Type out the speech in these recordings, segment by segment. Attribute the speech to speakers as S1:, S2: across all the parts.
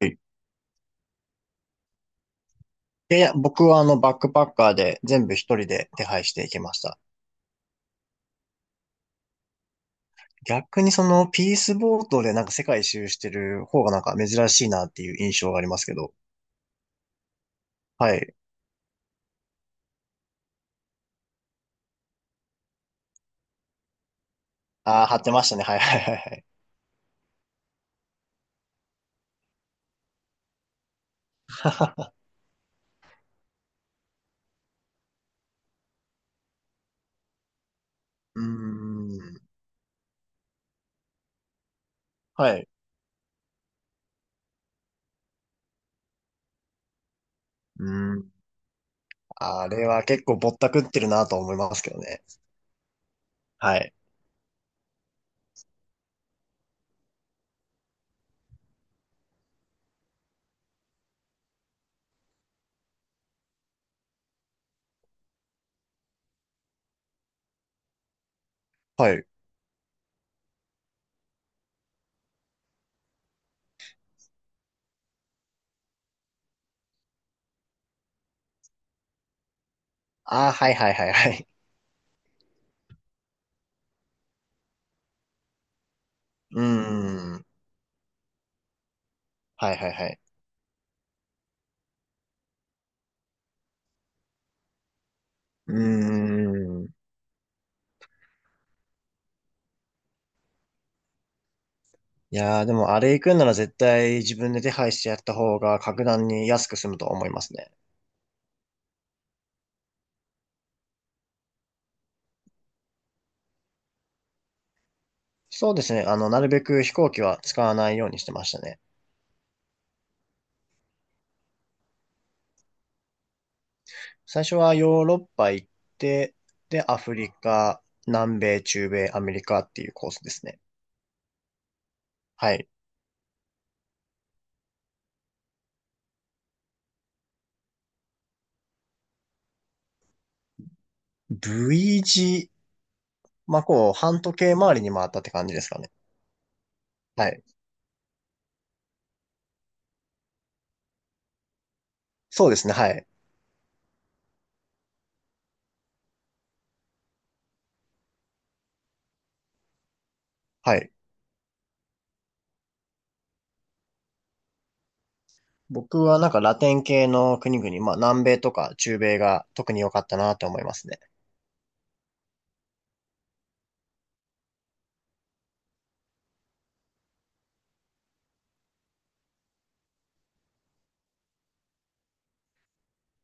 S1: はい。で、いや、僕はバックパッカーで全部一人で手配していきました。逆にそのピースボートでなんか世界一周してる方がなんか珍しいなっていう印象がありますけど。はい。ああ、貼ってましたね。はいはいはいはい。うーん。はい。うーん。あれは結構ぼったくってるなと思いますけどね。はい。はい。ああ、はいはいはいはい。うーん。はいはいはい。うーん。いやー、でもあれ行くんなら絶対自分で手配してやった方が格段に安く済むと思いますね。そうですね。なるべく飛行機は使わないようにしてましたね。最初はヨーロッパ行って、で、アフリカ、南米、中米、アメリカっていうコースですね。はい。V 字、まあ、こう、半時計回りに回ったって感じですかね。はい。そうですね。はい。はい。僕はなんかラテン系の国々、まあ、南米とか中米が特に良かったなと思いますね。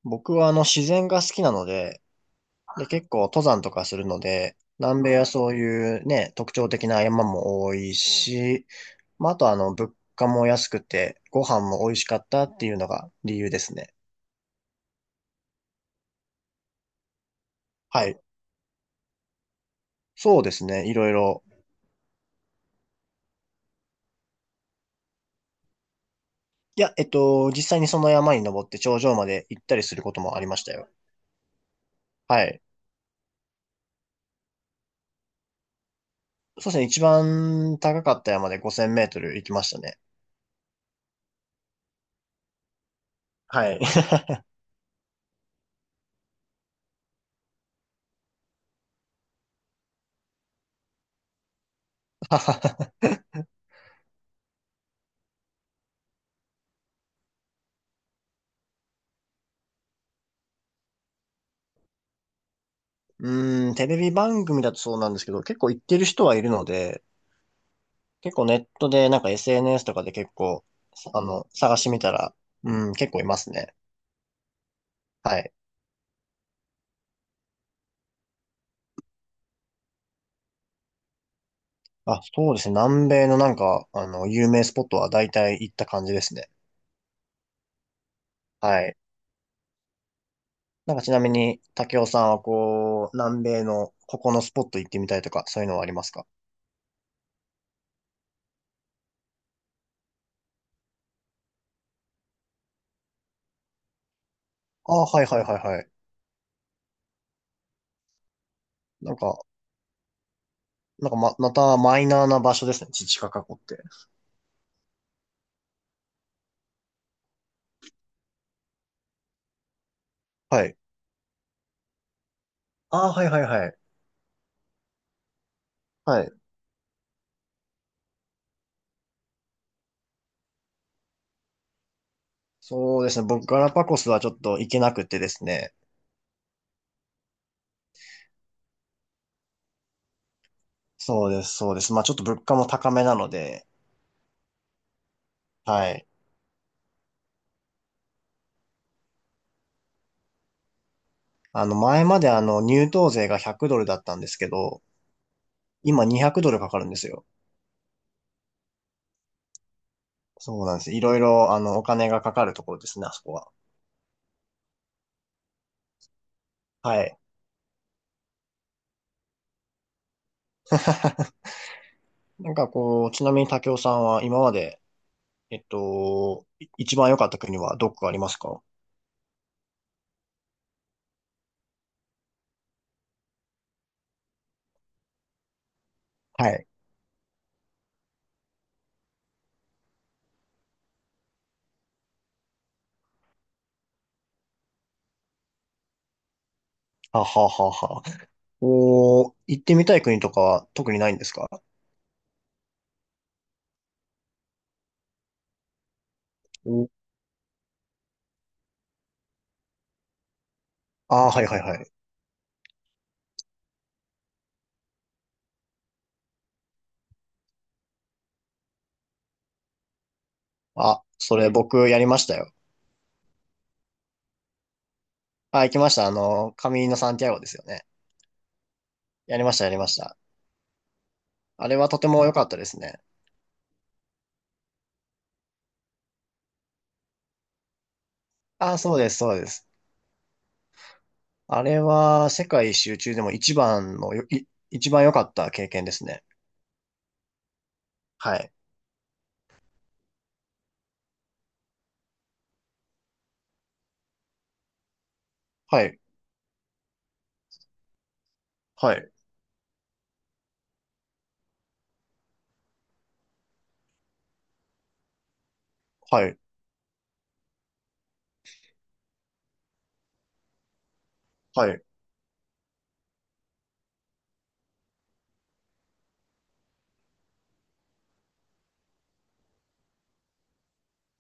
S1: 僕は自然が好きなので、で、結構登山とかするので、南米はそういうね、特徴的な山も多いし、まあ、あと物価も安くて、ご飯も美味しかったっていうのが理由ですね。はい。そうですね。いろいろ。いや、実際にその山に登って頂上まで行ったりすることもありましたよ。はい。そうですね。一番高かった山で5,000メートル行きましたね。はい。うーん、テレビ番組だとそうなんですけど、結構行ってる人はいるので、結構ネットで、なんか SNS とかで結構、探してみたら、うん、結構いますね。はい。あ、そうですね。南米のなんか、有名スポットは大体行った感じですね。はい。なんかちなみに、竹雄さんはこう、南米のここのスポット行ってみたいとか、そういうのはありますか？ああー、はいはいはいはい。なんか、またマイナーな場所ですね。チチカカ湖って。はい。ああ、はいはいはい。はい。そうですね。僕、ガラパゴスはちょっと行けなくてですね。そうです、そうです。まあちょっと物価も高めなので、はい。前まで入湯税が100ドルだったんですけど、今200ドルかかるんですよ。そうなんです。いろいろ、お金がかかるところですね、あそこは。はい。なんかこう、ちなみに武雄さんは今まで、一番良かった国はどこかありますか？はい。はははは。おー、行ってみたい国とかは特にないんですか？おああー、はいはいはい。あ、それ僕やりましたよ。あ、行きました。カミーノ・サンティアゴですよね。やりました、やりました。あれはとても良かったですね。あ、そうです、そうです。あれは世界一周中でも一番のよ、い、一番良かった経験ですね。はい。はい。はい。はい。はい。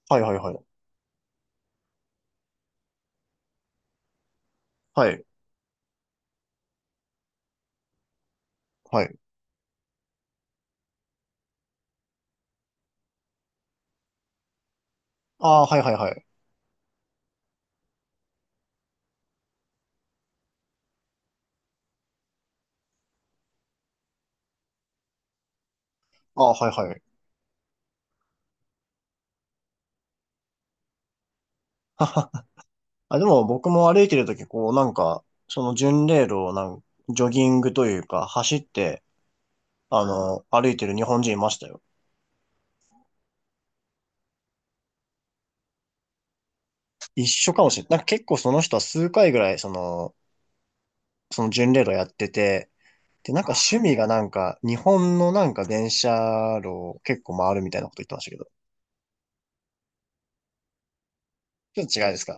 S1: はい。はい。はい。はい。はい。あー、はい。はい。はい。あー、はい。はい。あ、でも僕も歩いてるとき、こう、なんか、その巡礼路をジョギングというか、走って、歩いてる日本人いましたよ。一緒かもしれない。なんか結構その人は数回ぐらい、その巡礼路やってて、で、なんか趣味がなんか、日本のなんか電車路を結構回るみたいなこと言ってましたけど。ちょっと違いですか？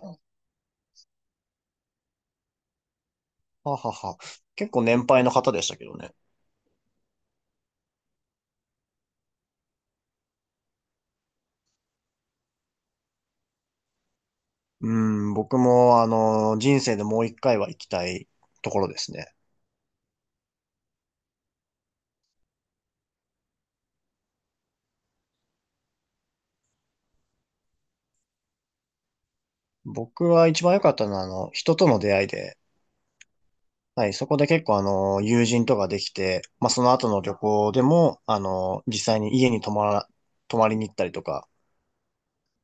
S1: ははは。結構年配の方でしたけどね。うん、僕も人生でもう一回は行きたいところですね。僕は一番良かったのは人との出会いで、はい、そこで結構友人とかできて、まあその後の旅行でも、実際に家に泊まりに行ったりとか、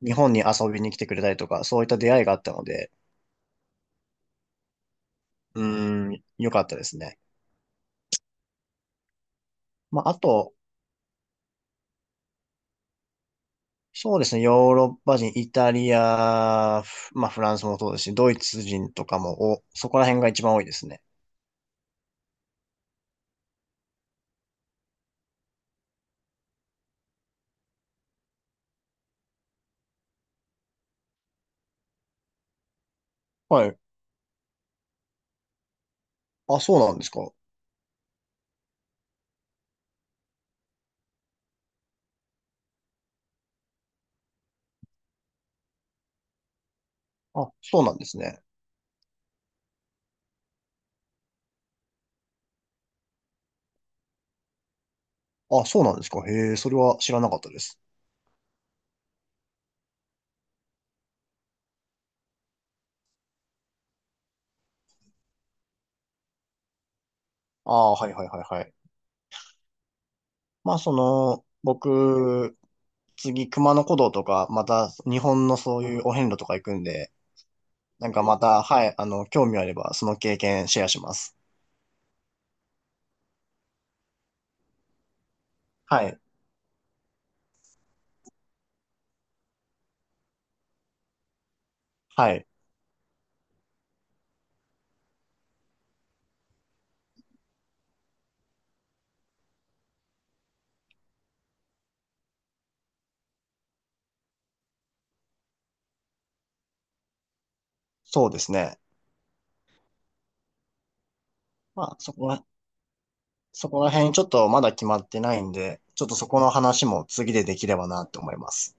S1: 日本に遊びに来てくれたりとか、そういった出会いがあったので、うん、良かったですね。まあ、あと、そうですね、ヨーロッパ人、イタリア、フまあ、フランスもそうですし、ドイツ人とかも、お、そこら辺が一番多いですね。はい。あ、そうなんですか。あ、そうなんですね。あ、そうなんですか。へえ、それは知らなかったです。ああー、はいはいはいはい。まあ、僕、次、熊野古道とか、また、日本のそういうお遍路とか行くんで、なんかまた、はい、興味あれば、その経験シェアします。はい。はい。そうですね。まあ、そこら辺ちょっとまだ決まってないんで、ちょっとそこの話も次でできればなと思います。